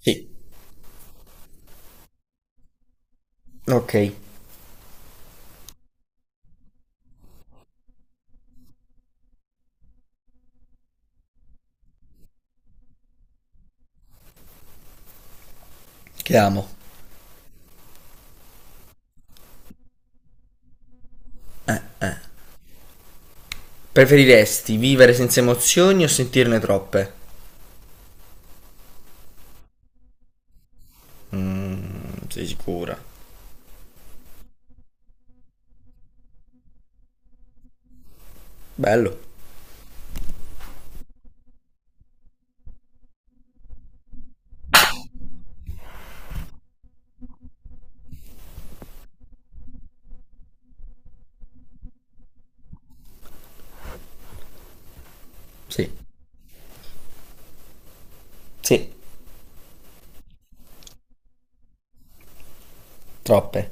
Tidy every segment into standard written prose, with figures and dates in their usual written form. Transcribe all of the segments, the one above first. Sì. Ok, chiamo. Preferiresti vivere senza emozioni o sentirne troppe? Sei sicura? Bello. Sì. Sì, troppe.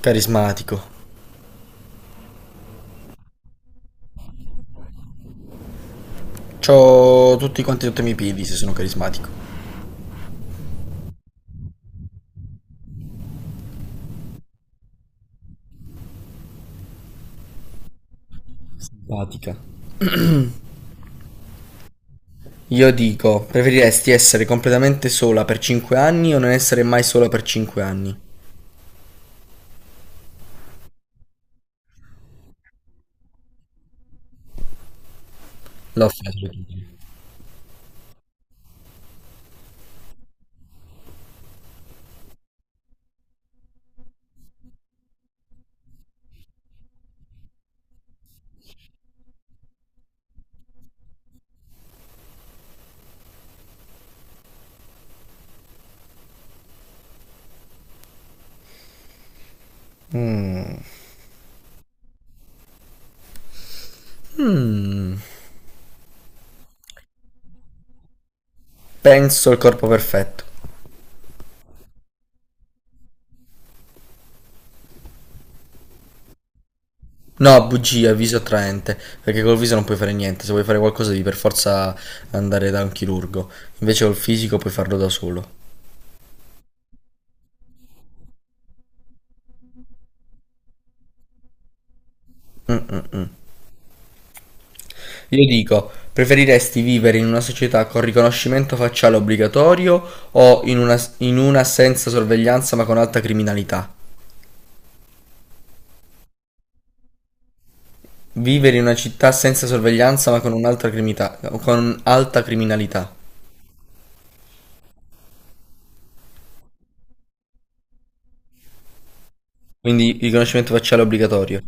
Carismatico. C'ho tutti quanti sotto i miei piedi se sono carismatico. Simpatica. Io dico, preferiresti essere completamente sola per 5 anni o non essere mai sola per 5 anni? L'ho fatto. Mm, Penso il corpo perfetto. No, bugia, viso attraente, perché col viso non puoi fare niente, se vuoi fare qualcosa devi per forza andare da un chirurgo, invece col fisico puoi farlo da solo. Mm, mm, mm. Io dico, preferiresti vivere in una società con riconoscimento facciale obbligatorio o in una senza sorveglianza ma con alta criminalità? Vivere in una città senza sorveglianza ma con un'altra criminalità, con alta criminalità. Quindi riconoscimento facciale obbligatorio.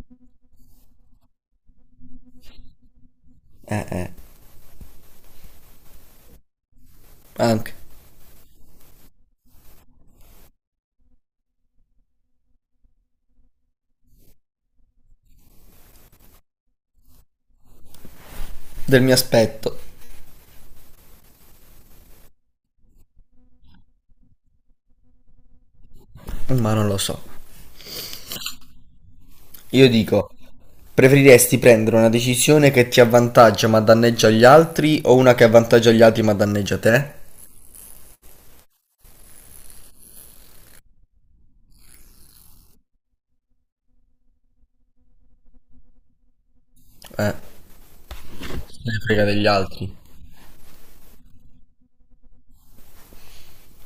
Eh, eh, Anche del mio aspetto, ma non lo so. Io dico, preferiresti prendere una decisione che ti avvantaggia ma danneggia gli altri o una che avvantaggia gli altri ma danneggia te? Eh, Chi se ne frega degli altri.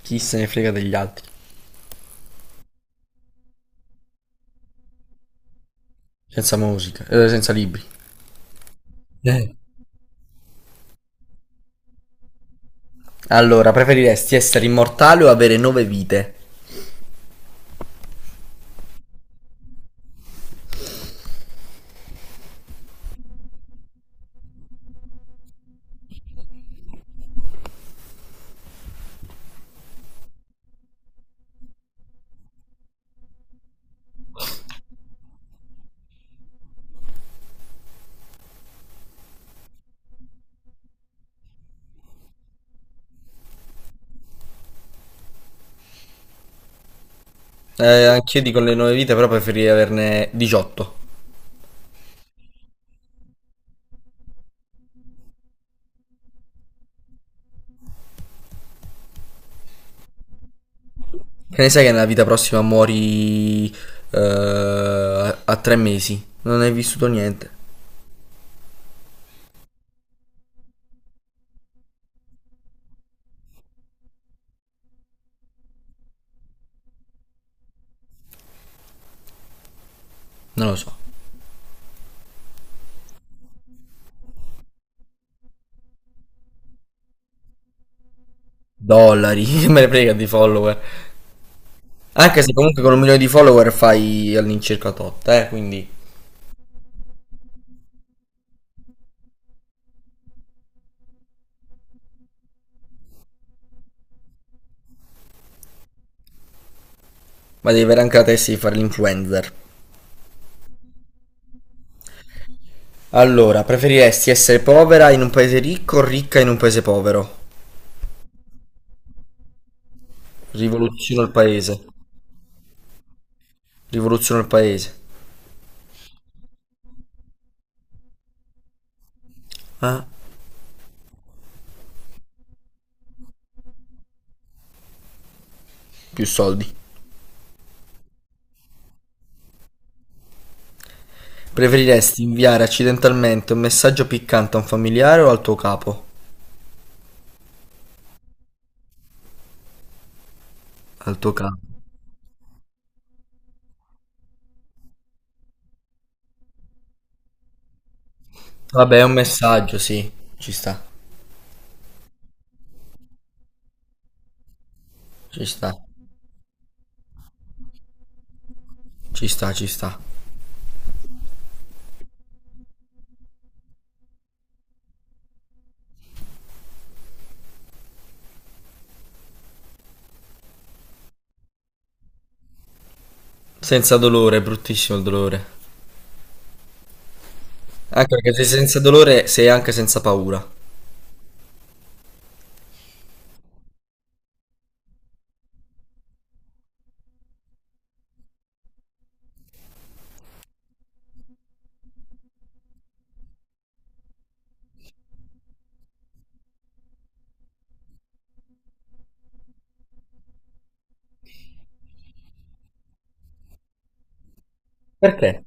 Chi se ne frega degli altri? Senza musica, senza libri. Eh. Allora, preferiresti essere immortale o avere nove vite? Anch'io dico le nove vite, però preferirei averne 18. Che ne sai che nella vita prossima muori a 3 mesi? Non hai vissuto niente. Non lo so. Dollari, che me ne frega di follower. Anche se comunque con un milione di follower fai all'incirca tot, quindi... Ma devi avere anche la testa di fare l'influencer. Allora, preferiresti essere povera in un paese ricco o ricca in un paese povero? Rivoluziono il paese. Rivoluziono il paese. Eh? Più soldi. Preferiresti inviare accidentalmente un messaggio piccante a un familiare o al tuo capo? Al tuo capo. Vabbè, è un messaggio, sì. Ci sta. Ci sta. Ci sta, ci sta. Senza dolore, è bruttissimo il dolore. Anche perché sei senza dolore sei anche senza paura. Perché?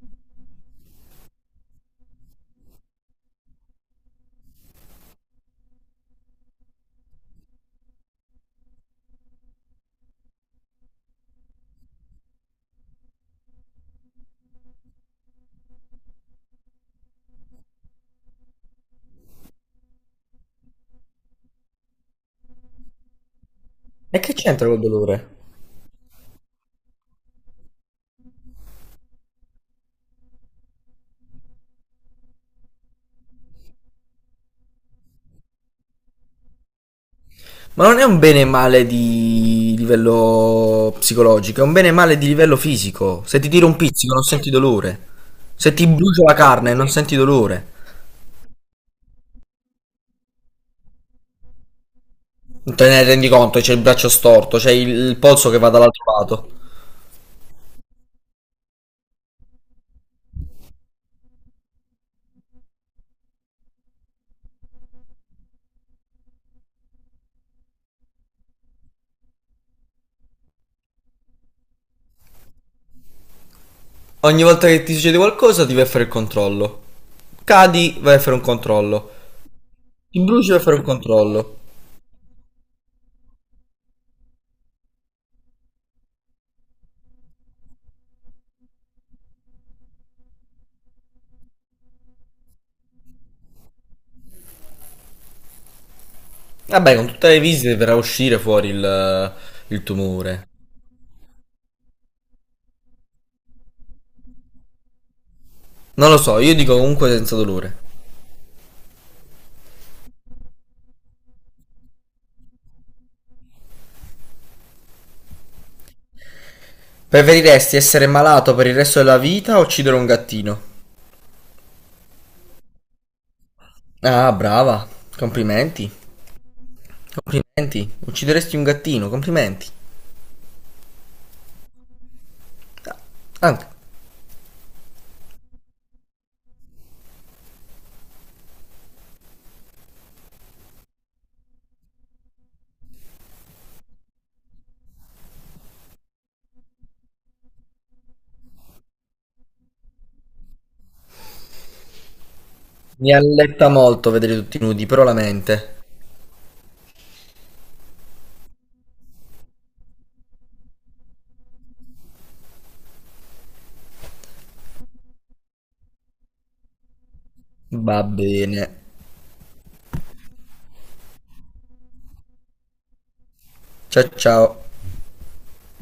E che c'entra col dolore? Ma non è un bene e male di livello psicologico, è un bene e male di livello fisico. Se ti tiro un pizzico non senti dolore. Se ti brucio la carne non senti dolore. Non te ne rendi conto, c'è il braccio storto, c'è il polso che va dall'altro lato. Ogni volta che ti succede qualcosa ti vai a fare il controllo. Cadi, vai a fare un controllo. Ti bruci, vai a fare un controllo. Vabbè, con tutte le visite verrà a uscire fuori il tumore. Non lo so, io dico comunque senza dolore. Preferiresti essere malato per il resto della vita o uccidere un gattino? Ah, brava. Complimenti. Complimenti. Uccideresti un gattino, complimenti. Anche. Mi alletta molto vedere tutti nudi, però la mente. Va bene. Ciao ciao.